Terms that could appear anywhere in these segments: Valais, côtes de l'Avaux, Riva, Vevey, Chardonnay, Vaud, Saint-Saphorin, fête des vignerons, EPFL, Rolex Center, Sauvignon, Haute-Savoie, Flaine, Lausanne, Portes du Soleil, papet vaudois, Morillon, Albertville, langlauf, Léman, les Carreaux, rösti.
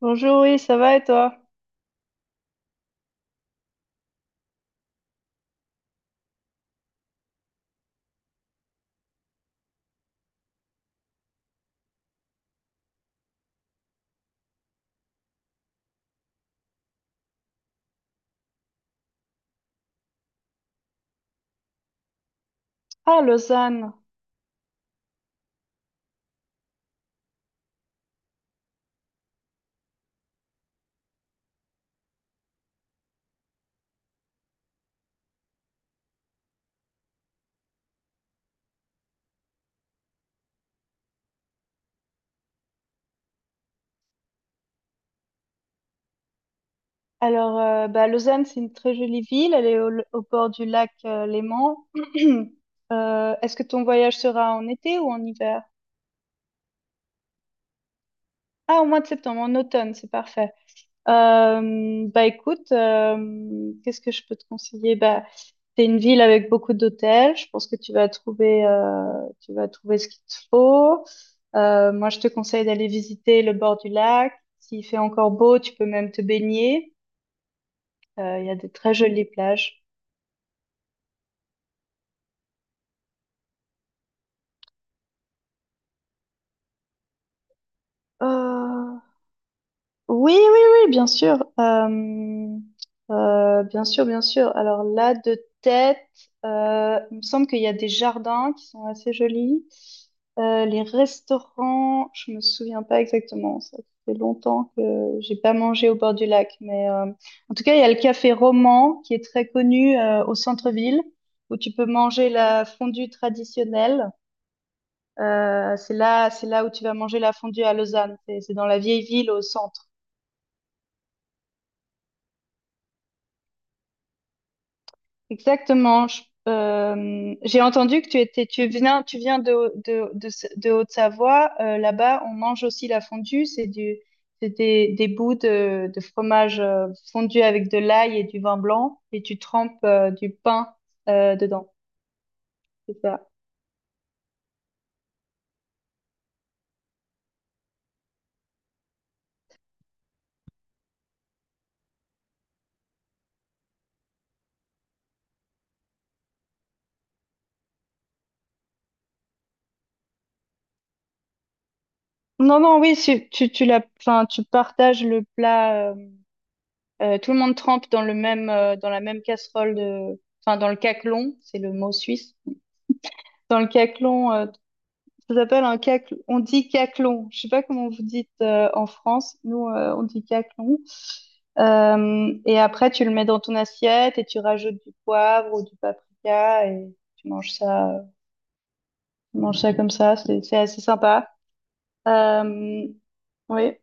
Bonjour, oui, ça va et toi? Ah, Lausanne. Alors, bah, Lausanne, c'est une très jolie ville. Elle est au bord du lac Léman. Est-ce que ton voyage sera en été ou en hiver? Ah, au mois de septembre, en automne, c'est parfait. Bah écoute, qu'est-ce que je peux te conseiller? Bah, c'est une ville avec beaucoup d'hôtels. Je pense que tu vas trouver ce qu'il te faut. Moi, je te conseille d'aller visiter le bord du lac. S'il fait encore beau, tu peux même te baigner. Il y a de très jolies plages. Euh, oui, oui, oui, bien sûr. Bien sûr, bien sûr. Alors là, de tête, il me semble qu'il y a des jardins qui sont assez jolis. Les restaurants, je me souviens pas exactement. Ça fait longtemps que j'ai pas mangé au bord du lac, mais en tout cas, il y a le café Roman qui est très connu au centre-ville où tu peux manger la fondue traditionnelle. C'est là, c'est là où tu vas manger la fondue à Lausanne. C'est dans la vieille ville au centre. Exactement. J'ai entendu que tu viens de Haute-Savoie. Là-bas, on mange aussi la fondue. C'est des bouts de fromage fondu avec de l'ail et du vin blanc, et tu trempes du pain dedans. C'est ça. Non, non, oui, enfin, tu partages le plat. Tout le monde trempe dans la même enfin, dans le caclon, c'est le mot suisse. Dans le caclon, ça s'appelle un caclon. On dit caclon. Je sais pas comment vous dites en France. Nous, on dit caclon. Et après, tu le mets dans ton assiette et tu rajoutes du poivre ou du paprika et tu manges ça comme ça. C'est assez sympa. Euh, oui.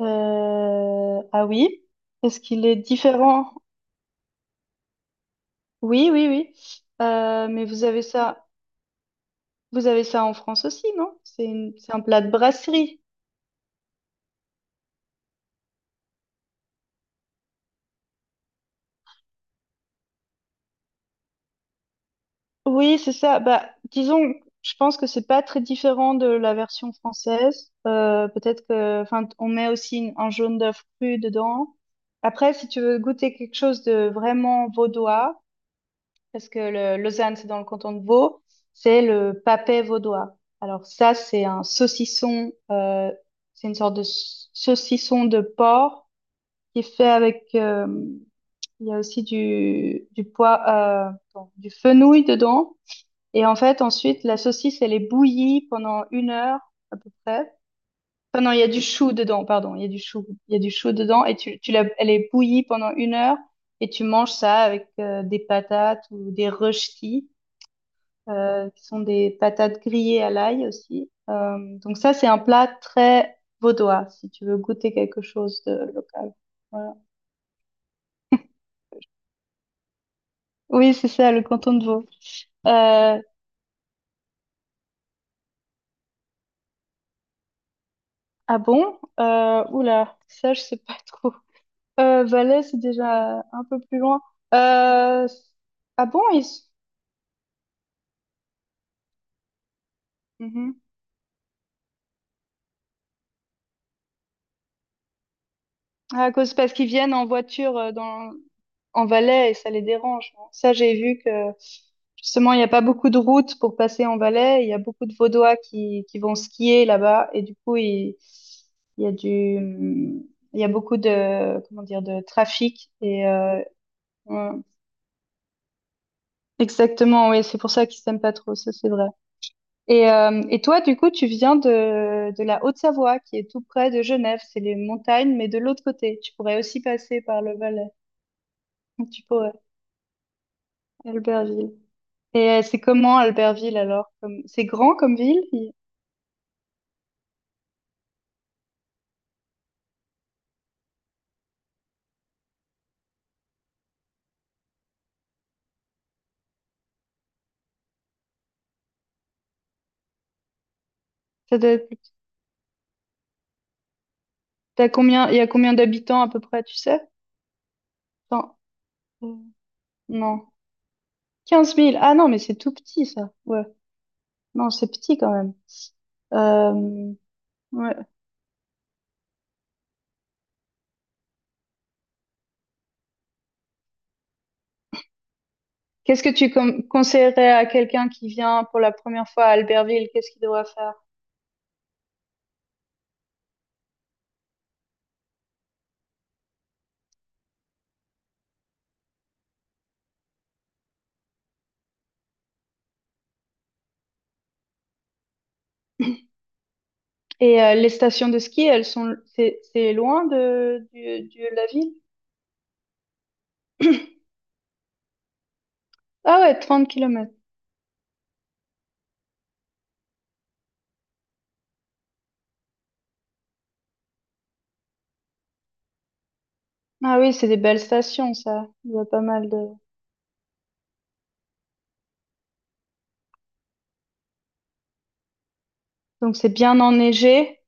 Ah oui. Est-ce qu'il est différent? Oui, oui, oui. Mais vous avez ça en France aussi, non? C'est un plat de brasserie. Oui, c'est ça. Bah, disons, je pense que c'est pas très différent de la version française. Peut-être que, enfin, on met aussi un jaune d'œuf cru dedans. Après, si tu veux goûter quelque chose de vraiment vaudois, parce que Lausanne, c'est dans le canton de Vaud, c'est le papet vaudois. Alors ça, c'est un saucisson. C'est une sorte de saucisson de porc qui est fait il y a aussi du pois, bon, du fenouil dedans. Et en fait, ensuite, la saucisse, elle est bouillie pendant une heure à peu près. Enfin, non, il y a du chou dedans, pardon, il y a du chou, il y a du chou dedans et elle est bouillie pendant une heure et tu manges ça avec des patates ou des rösti, qui sont des patates grillées à l'ail aussi. Donc ça, c'est un plat très vaudois si tu veux goûter quelque chose de local. Voilà. Oui, c'est ça, le canton de Vaud. Euh, ah bon? Oula, ça, je sais pas trop. Valais, c'est déjà un peu plus loin. Euh, ah bon, ils... Mhm. Ah, à cause, parce qu'ils viennent en voiture en Valais et ça les dérange, hein. Ça, j'ai vu que justement, il n'y a pas beaucoup de routes pour passer en Valais. Il y a beaucoup de Vaudois qui vont skier là-bas et du coup, il y a du, il y a beaucoup de, comment dire, de trafic et exactement, oui, c'est pour ça qu'ils s'aiment pas trop, ça c'est vrai. Et toi, du coup, tu viens de la Haute-Savoie, qui est tout près de Genève, c'est les montagnes, mais de l'autre côté. Tu pourrais aussi passer par le Valais. Tu pourrais, Albertville. Et c'est comment Albertville alors? C'est grand comme ville? Il- Ça doit être- Il y a combien d'habitants à peu près, tu sais? Non. Non. 15 000. Ah non, mais c'est tout petit ça. Ouais. Non, c'est petit quand même. Euh, ouais, qu'est-ce que tu conseillerais à quelqu'un qui vient pour la première fois à Albertville? Qu'est-ce qu'il doit faire? Et les stations de ski, elles sont, c'est loin de la ville? Ah ouais, 30 km. Ah oui, c'est des belles stations, ça. Il y a pas mal de... Donc c'est bien enneigé.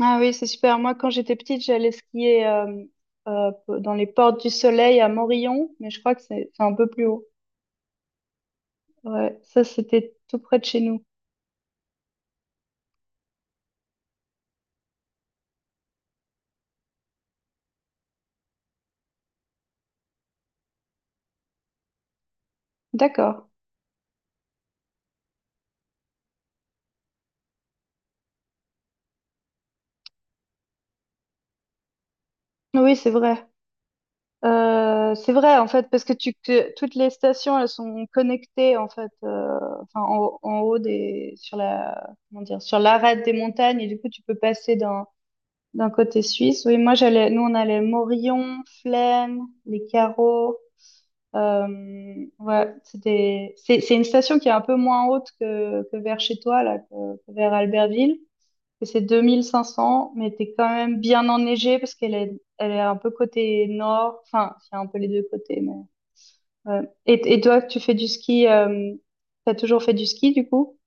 Ah oui, c'est super. Moi, quand j'étais petite, j'allais skier euh, dans les Portes du Soleil à Morillon, mais je crois que c'est un peu plus haut. Ouais, ça, c'était tout près de chez nous. D'accord. Oui, c'est vrai. C'est vrai en fait parce que tu que toutes les stations elles sont connectées en fait enfin haut en haut des sur la comment dire sur l'arête des montagnes et du coup tu peux passer d'un côté suisse. Oui, moi j'allais nous on allait Morillon, Flaine, les Carreaux. Ouais, c'est des- c'est une station qui est un peu moins haute que vers chez toi là que vers Albertville que c'est 2 500 mais t'es quand même bien enneigé parce qu'elle est un peu côté nord. Enfin, il y a un peu les deux côtés, mais ouais. Et toi, tu fais du ski, t'as toujours fait du ski du coup?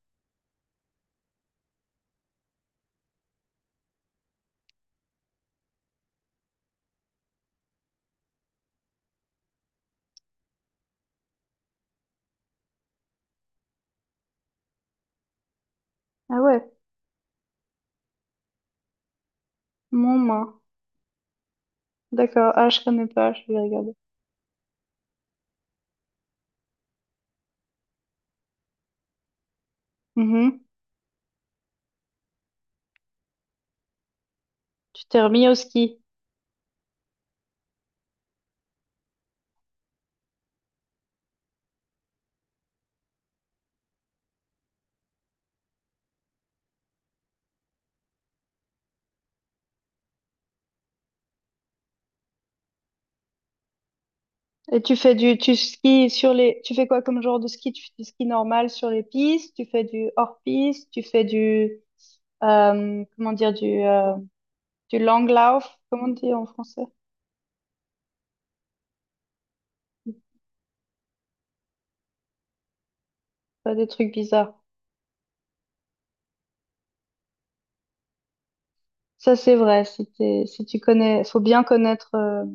Ah ouais, mon main. D'accord. Ah, je connais pas, je vais regarder. Mhm. Tu t'es remis au ski. Et tu fais du, tu skis sur les, tu fais quoi comme genre de ski? Tu fais du ski normal sur les pistes, tu fais du hors-piste, tu fais comment dire, du langlauf, comment on dit en français? Pas des trucs bizarres. Ça, c'est vrai. Si tu connais, faut bien connaître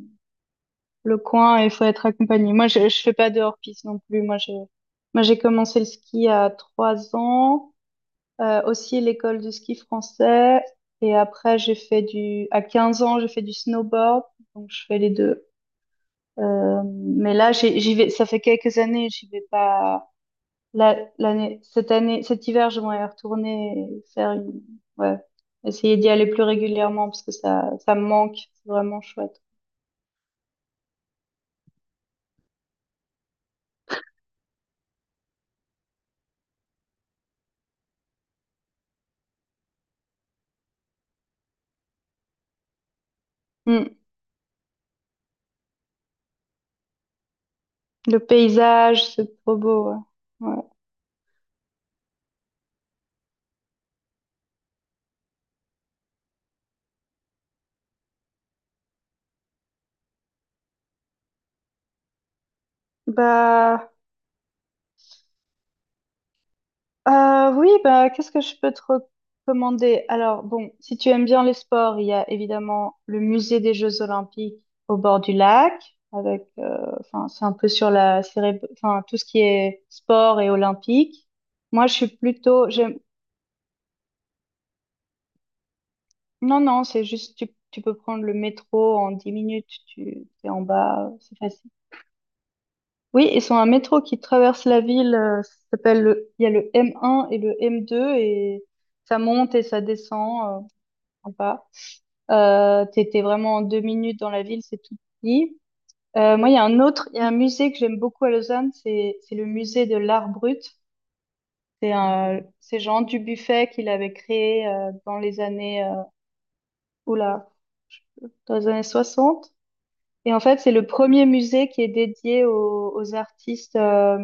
le coin et faut être accompagné. Moi, je fais pas de hors-piste non plus. Moi, j'ai commencé le ski à 3 ans, aussi l'école de ski français. Et après, à 15 ans, j'ai fait du snowboard. Donc, je fais les deux. Mais là, j'y vais, ça fait quelques années, j'y vais pas l'année, cette année, cet hiver, je vais retourner et faire ouais, essayer d'y aller plus régulièrement parce que ça me manque. C'est vraiment chouette. Mm. Le paysage, c'est trop beau. Ouais. Ouais. Bah, oui, bah, qu'est-ce que je peux te recommander? Alors, bon, si tu aimes bien les sports, il y a évidemment le musée des Jeux Olympiques au bord du lac, avec, enfin, c'est un peu sur enfin, tout ce qui est sport et olympique. Moi, je suis plutôt, j'aime- Non, non, c'est juste, tu peux prendre le métro en 10 minutes, tu es en bas, c'est facile. Oui, ils ont un métro qui traverse la ville, ça s'appelle il y a le M1 et le M2 et ça monte et ça descend en. T'es vraiment en 2 minutes dans la ville, c'est tout petit. Moi, il y a un musée que j'aime beaucoup à Lausanne, c'est le musée de l'art brut. C'est Jean Dubuffet qui l'avait créé dans les années, oula, dans les années 60. Et en fait, c'est le premier musée qui est dédié aux artistes.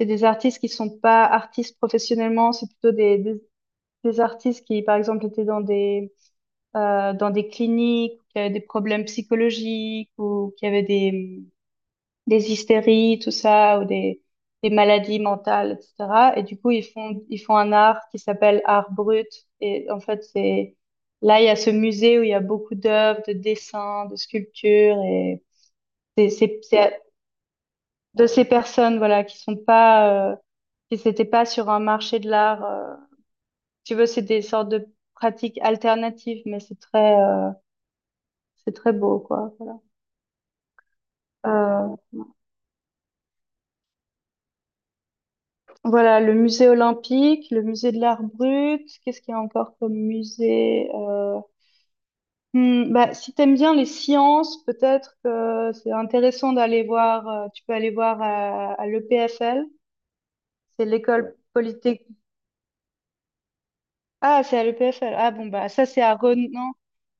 C'est des artistes qui sont pas artistes professionnellement, c'est plutôt des artistes qui, par exemple, étaient dans des cliniques, qui avaient des problèmes psychologiques ou qui avaient des hystéries, tout ça, ou des maladies mentales, etc. Et du coup, ils font un art qui s'appelle art brut. Et en fait, c'est là, il y a ce musée où il y a beaucoup d'œuvres, de dessins, de sculptures et c'est de ces personnes, voilà, qui s'étaient pas sur un marché de l'art. Si tu veux, c'est des sortes de pratiques alternatives, mais c'est très beau, quoi. Voilà. Euh, voilà, le musée olympique, le musée de l'art brut. Qu'est-ce qu'il y a encore comme musée? Bah, si t'aimes bien les sciences, peut-être que c'est intéressant d'aller voir. Tu peux aller voir à l'EPFL. C'est l'école polytech- Ah, c'est à l'EPFL. Ah bon, bah ça c'est à Renan.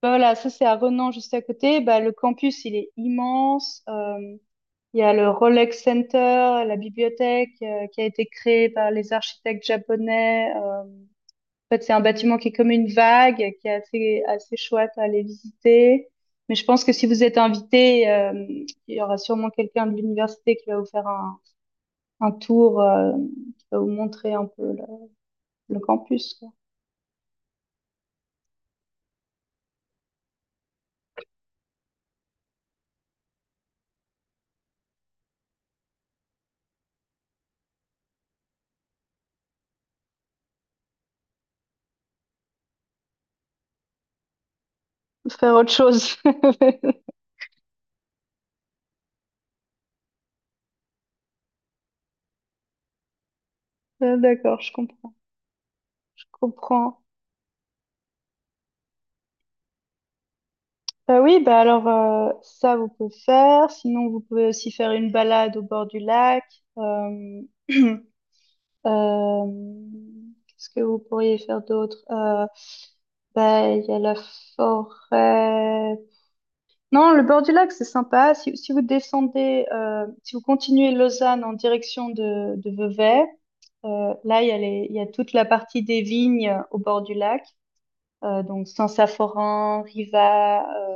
Bah, voilà, ça c'est à Renan juste à côté. Bah, le campus, il est immense. Il y a le Rolex Center, la bibliothèque qui a été créée par les architectes japonais. En fait, c'est un bâtiment qui est comme une vague, qui est assez, assez chouette à aller visiter. Mais je pense que si vous êtes invité, il y aura sûrement quelqu'un de l'université qui va vous faire un tour, qui va vous montrer un peu le campus, quoi. Faire autre chose. Ah, d'accord, je comprends. Je comprends. Bah oui, bah alors ça vous pouvez faire. Sinon, vous pouvez aussi faire une balade au bord du lac. Euh, euh, Qu'est-ce que vous pourriez faire d'autre? Bah il y a la forêt. Non, le bord du lac c'est sympa. Si vous continuez Lausanne en direction de Vevey, là il y a il y a toute la partie des vignes au bord du lac. Donc Saint-Saphorin, Riva, euh,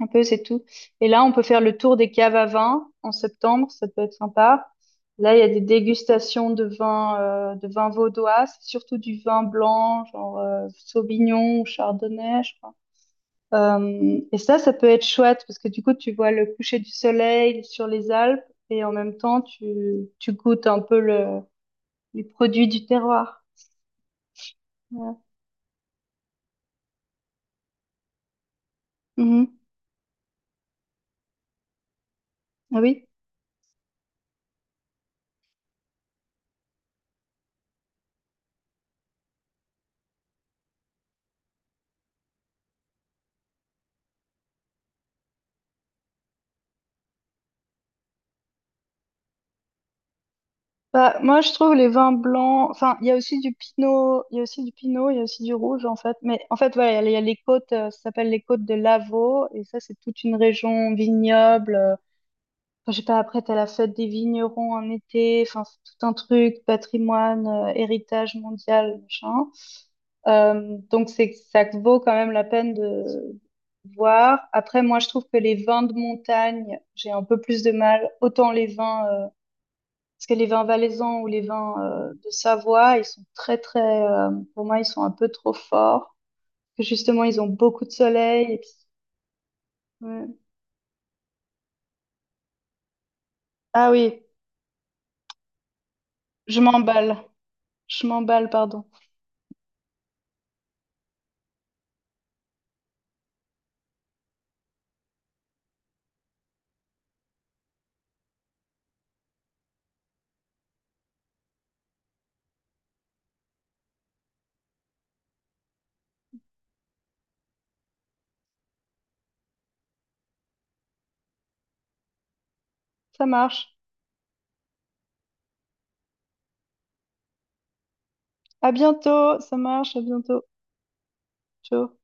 un peu c'est tout. Et là, on peut faire le tour des caves à vin en septembre, ça peut être sympa. Là, il y a des dégustations de vins vaudois, c'est surtout du vin blanc, genre Sauvignon ou Chardonnay, je crois. Et ça peut être chouette parce que du coup, tu vois le coucher du soleil sur les Alpes et en même temps, tu goûtes un peu les produits du terroir. Ouais. Mhm. Ah oui. Bah, moi, je trouve les vins blancs. Enfin, il y a aussi du pinot, il y a aussi du rouge, en fait. Mais en fait, voilà, il y a les côtes, ça s'appelle les côtes de l'Avaux. Et ça, c'est toute une région vignoble. Enfin, je sais pas, après, t'as la fête des vignerons en été. Enfin, c'est tout un truc, patrimoine, héritage mondial, machin. Donc, ça vaut quand même la peine de voir. Après, moi, je trouve que les vins de montagne, j'ai un peu plus de mal. Autant les vins. Parce que les vins valaisans ou les vins de Savoie, ils sont très, très, pour moi, ils sont un peu trop forts. Que justement, ils ont beaucoup de soleil. Et puis- ouais. Ah oui, je m'emballe. Je m'emballe, pardon. Ça marche. À bientôt. Ça marche. À bientôt. Ciao.